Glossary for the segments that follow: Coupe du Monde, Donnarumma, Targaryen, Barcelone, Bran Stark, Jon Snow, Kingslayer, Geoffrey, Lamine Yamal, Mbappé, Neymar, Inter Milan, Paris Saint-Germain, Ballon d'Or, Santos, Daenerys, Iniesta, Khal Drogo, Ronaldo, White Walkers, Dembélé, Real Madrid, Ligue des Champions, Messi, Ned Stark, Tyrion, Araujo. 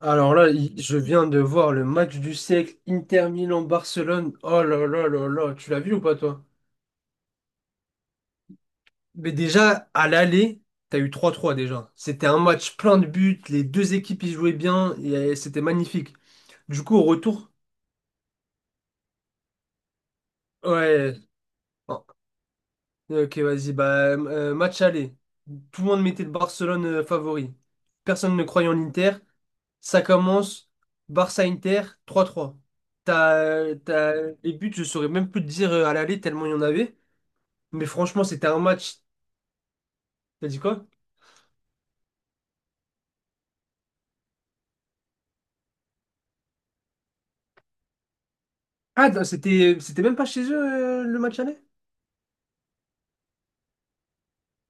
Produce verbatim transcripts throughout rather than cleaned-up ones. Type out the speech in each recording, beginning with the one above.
Alors là, il- je viens de voir le match du siècle, Inter Milan-Barcelone. Oh là là là là, tu l'as vu ou pas toi? Mais déjà, à l'aller, t'as eu trois trois déjà. C'était un match plein de buts, les deux équipes y jouaient bien, et c'était magnifique. Du coup, au retour, ouais, ok, vas-y. Bah, euh, match aller. Tout le monde mettait le Barcelone euh, favori. Personne ne croyait en Inter. Ça commence. Barça-Inter, trois trois. T'as, euh, t'as... Les buts, je saurais même plus te dire euh, à l'aller tellement il y en avait. Mais franchement, c'était un match. T'as dit quoi? Ah, non, c'était, c'était même pas chez eux euh, le match aller?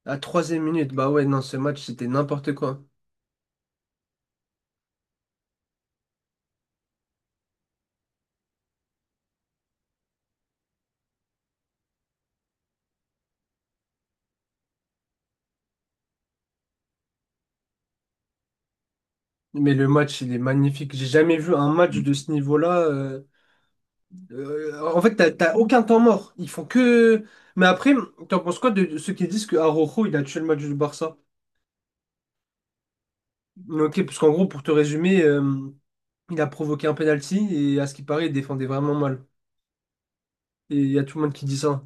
À troisième minute. Bah ouais, non, ce match, c'était n'importe quoi. Mais le match, il est magnifique. J'ai jamais vu un match de ce niveau-là. Euh, euh, en fait, t'as, t'as aucun temps mort. Ils font que. Mais après, t'en penses quoi de ceux qui disent que Araujo, il a tué le match du Barça? Ok, parce qu'en gros, pour te résumer, euh, il a provoqué un penalty et à ce qui paraît, il défendait vraiment mal. Et il y a tout le monde qui dit ça.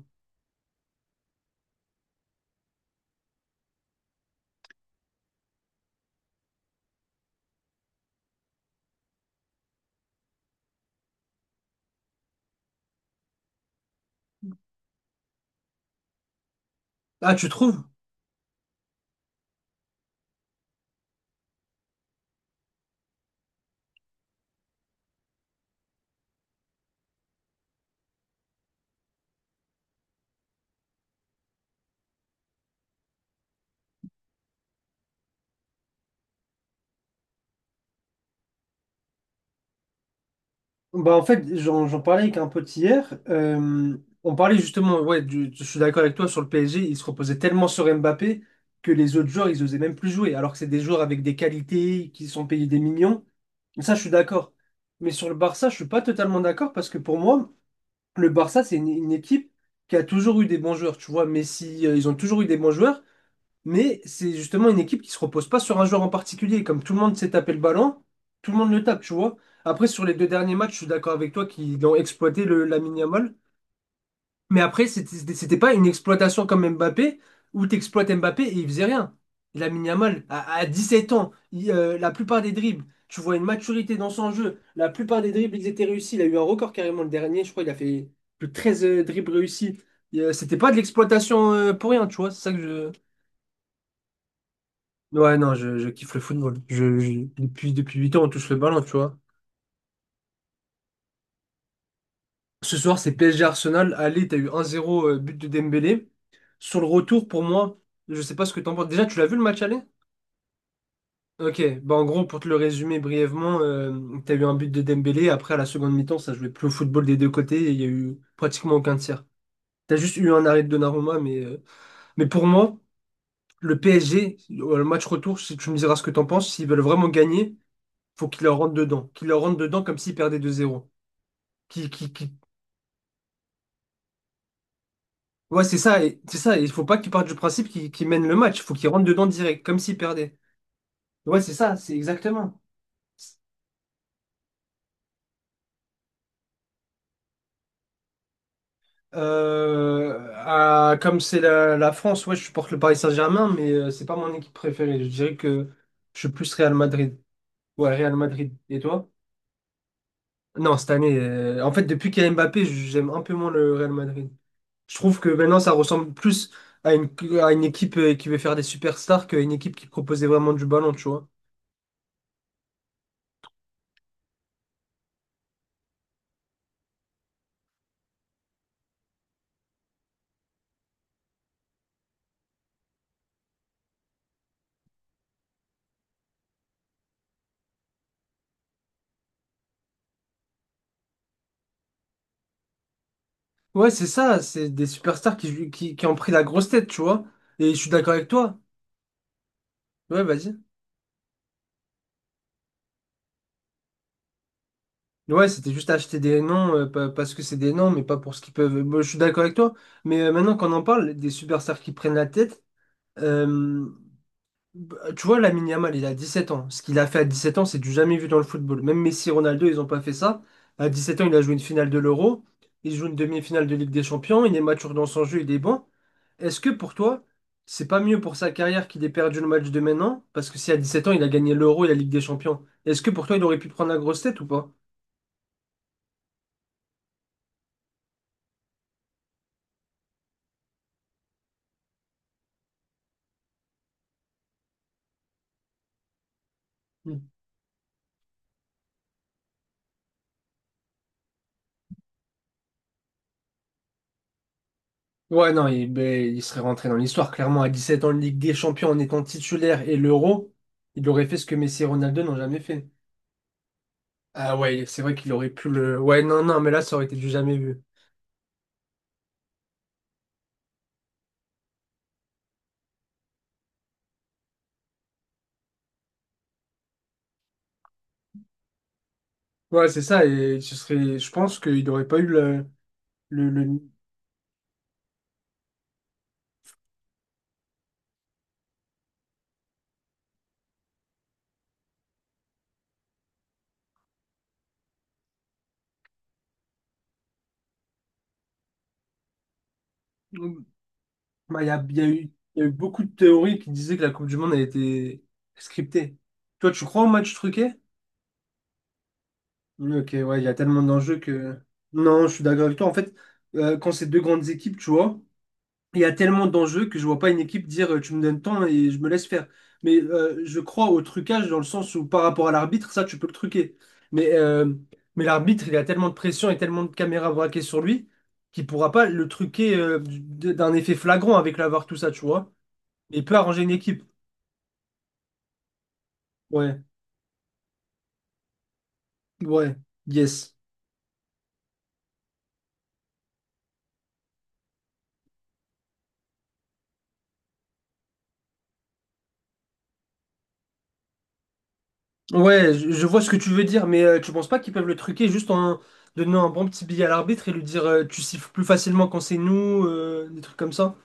Ah, tu trouves? Bah en fait, j'en j'en parlais avec un pote hier. Euh, on parlait justement, ouais, du- je suis d'accord avec toi sur le P S G. Il se reposait tellement sur Mbappé que les autres joueurs, ils osaient même plus jouer. Alors que c'est des joueurs avec des qualités, qui sont payés des millions. Ça, je suis d'accord. Mais sur le Barça, je suis pas totalement d'accord parce que pour moi, le Barça, c'est une, une équipe qui a toujours eu des bons joueurs. Tu vois, Messi, euh, ils ont toujours eu des bons joueurs. Mais c'est justement une équipe qui se repose pas sur un joueur en particulier. Comme tout le monde s'est tapé le ballon, tout le monde le tape, tu vois. Après, sur les deux derniers matchs, je suis d'accord avec toi qu'ils ont exploité le, Lamine Yamal. Mais après, c'était c'était- pas une exploitation comme Mbappé, où tu exploites Mbappé et il faisait rien. Lamine Yamal, à, à dix-sept ans, il, euh, la plupart des dribbles, tu vois une maturité dans son jeu. La plupart des dribbles, ils étaient réussis. Il a eu un record carrément le dernier. Je crois qu'il a fait plus de treize euh, dribbles réussis. Et, euh, C'était pas de l'exploitation euh, pour rien, tu vois. C'est ça que je... Ouais, non, je, je kiffe le football. Je, je- depuis, depuis huit ans, on touche le ballon, tu vois. Ce soir, c'est P S G Arsenal. Allez, t'as eu un zéro, euh, but de Dembélé. Sur le retour, pour moi, je sais pas ce que t'en penses. Déjà, tu l'as vu le match aller? Ok, bah en gros, pour te le résumer brièvement, euh, t'as eu un but de Dembélé. Après, à la seconde mi-temps, ça jouait plus au football des deux côtés et il y a eu pratiquement aucun tir. T'as juste eu un arrêt de Donnarumma, mais, euh, mais pour moi, le P S G, euh, le match retour, si tu me diras ce que t'en penses, s'ils veulent vraiment gagner, faut qu'ils leur rentrent dedans. Qu'ils leur rentrent dedans comme s'ils perdaient deux zéro. qui, qui, qui- Ouais, c'est ça, et- c'est ça. Il faut pas qu'il parte du principe qu'il qu'il mène le match. Il faut qu'il rentre dedans direct, comme s'il perdait. Ouais, c'est ça, c'est exactement. Euh, à- comme c'est la, la France, ouais, je supporte le Paris Saint-Germain, mais euh, c'est pas mon équipe préférée. Je dirais que je suis plus Real Madrid. Ouais, Real Madrid. Et toi? Non, cette année, euh, en fait, depuis qu'il y a Mbappé, j'aime un peu moins le Real Madrid. Je trouve que maintenant, ça ressemble plus à une, à une équipe euh, qui veut faire des superstars qu'à une équipe qui proposait vraiment du ballon, tu vois. Ouais, c'est ça, c'est des superstars qui, qui, qui ont pris la grosse tête, tu vois. Et je suis d'accord avec toi. Ouais, vas-y. Ouais, c'était juste acheter des noms euh, pa- parce que c'est des noms, mais pas pour ce qu'ils peuvent. Bon, je suis d'accord avec toi. Mais euh, maintenant qu'on en parle, des superstars qui prennent la tête, euh, bah, tu vois, Lamine Yamal, il a dix-sept ans. Ce qu'il a fait à dix-sept ans, c'est du jamais vu dans le football. Même Messi, Ronaldo, ils n'ont pas fait ça. À dix-sept ans, il a joué une finale de l'Euro. Il joue une demi-finale de Ligue des Champions. Il est mature dans son jeu, il est bon. Est-ce que pour toi, c'est pas mieux pour sa carrière qu'il ait perdu le match de maintenant? Parce que si à dix-sept ans, il a gagné l'Euro et la Ligue des Champions, est-ce que pour toi, il aurait pu prendre la grosse tête ou pas? Mm. Ouais, non, il, ben, il serait rentré dans l'histoire. Clairement, à dix-sept ans, Ligue des Champions en étant titulaire et l'Euro, il aurait fait ce que Messi et Ronaldo n'ont jamais fait. Ah ouais, c'est vrai qu'il aurait pu le. Ouais, non, non, mais là, ça aurait été du jamais vu. Ouais, c'est ça, et ce serait. Je pense qu'il n'aurait pas eu le. le, le... Bah, il y a, il y a eu, il y a eu beaucoup de théories qui disaient que la Coupe du Monde a été scriptée. Toi, tu crois au match truqué? Oui, ok, ouais, il y a tellement d'enjeux que. Non, je suis d'accord avec toi. En fait, euh, quand c'est deux grandes équipes, tu vois, il y a tellement d'enjeux que je vois pas une équipe dire euh, tu me donnes temps et je me laisse faire. Mais euh, je crois au trucage dans le sens où par rapport à l'arbitre, ça tu peux le truquer. Mais, euh, mais l'arbitre, il a tellement de pression et tellement de caméras braquées sur lui qu'il pourra pas le truquer euh, d- d'un effet flagrant avec la VAR, tout ça, tu vois. Mais il peut arranger une équipe. Ouais, ouais, yes. Ouais, je, je vois ce que tu veux dire, mais euh, tu penses pas qu'ils peuvent le truquer juste en donnant un bon petit billet à l'arbitre et lui dire euh, tu siffles plus facilement quand c'est nous, euh, des trucs comme ça?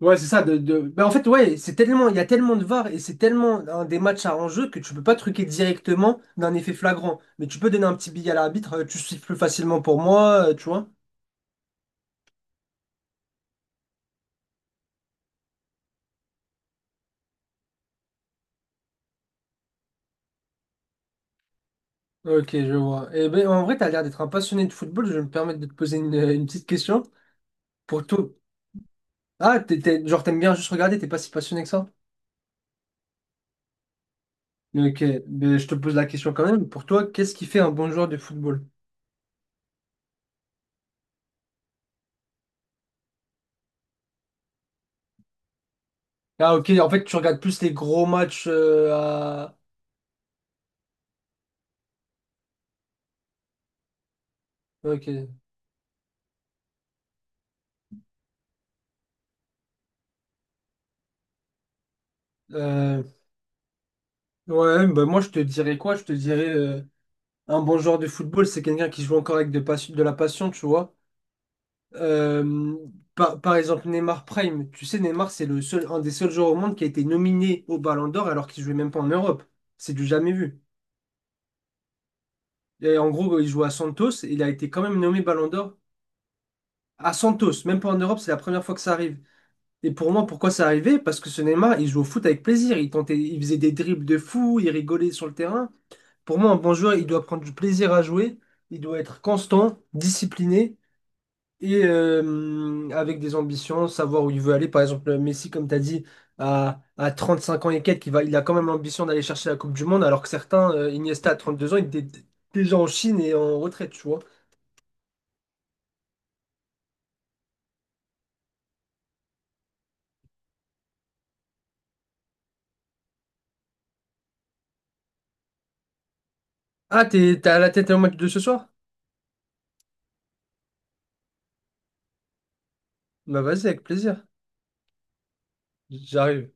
Ouais, c'est ça. De, de- bah, en fait, ouais, c'est tellement, il y a tellement de VAR et c'est tellement un des matchs à enjeu que tu peux pas truquer directement d'un effet flagrant. Mais tu peux donner un petit billet à l'arbitre, euh, tu siffles plus facilement pour moi, euh, tu vois. Ok, je vois. Et ben, en vrai, t'as l'air d'être un passionné de football. Je vais me permettre de te poser une, une petite question. Pour tout. Ah, t'es, t'es- genre, t'aimes bien juste regarder, t'es pas si passionné que ça? Ok, ben, je te pose la question quand même. Pour toi, qu'est-ce qui fait un bon joueur de football? Ah, ok, en fait, tu regardes plus les gros matchs euh, à. Ok. Euh, Ouais, bah moi je te dirais quoi? Je te dirais euh, un bon joueur de football, c'est quelqu'un qui joue encore avec de, pas- de la passion, tu vois. Euh, par, par exemple, Neymar Prime, tu sais, Neymar, c'est le seul, un des seuls joueurs au monde qui a été nominé au Ballon d'Or alors qu'il jouait même pas en Europe. C'est du jamais vu. Et en gros, il joue à Santos, et il a été quand même nommé Ballon d'Or à Santos, même pas en Europe, c'est la première fois que ça arrive. Et pour moi, pourquoi ça arrivait? Parce que ce Neymar, il jouait au foot avec plaisir, il tentait, il faisait des dribbles de fou, il rigolait sur le terrain. Pour moi, un bon joueur, il doit prendre du plaisir à jouer, il doit être constant, discipliné et euh, avec des ambitions, savoir où il veut aller. Par exemple, Messi, comme tu as dit, à, à trente cinq ans et quelques, il va, il a quand même l'ambition d'aller chercher la Coupe du Monde, alors que certains, euh, Iniesta, à trente deux ans, il était d- déjà en Chine et en retraite, tu vois. Ah, t'es, t'as la tête au match de ce soir? Bah vas-y, avec plaisir. J'arrive.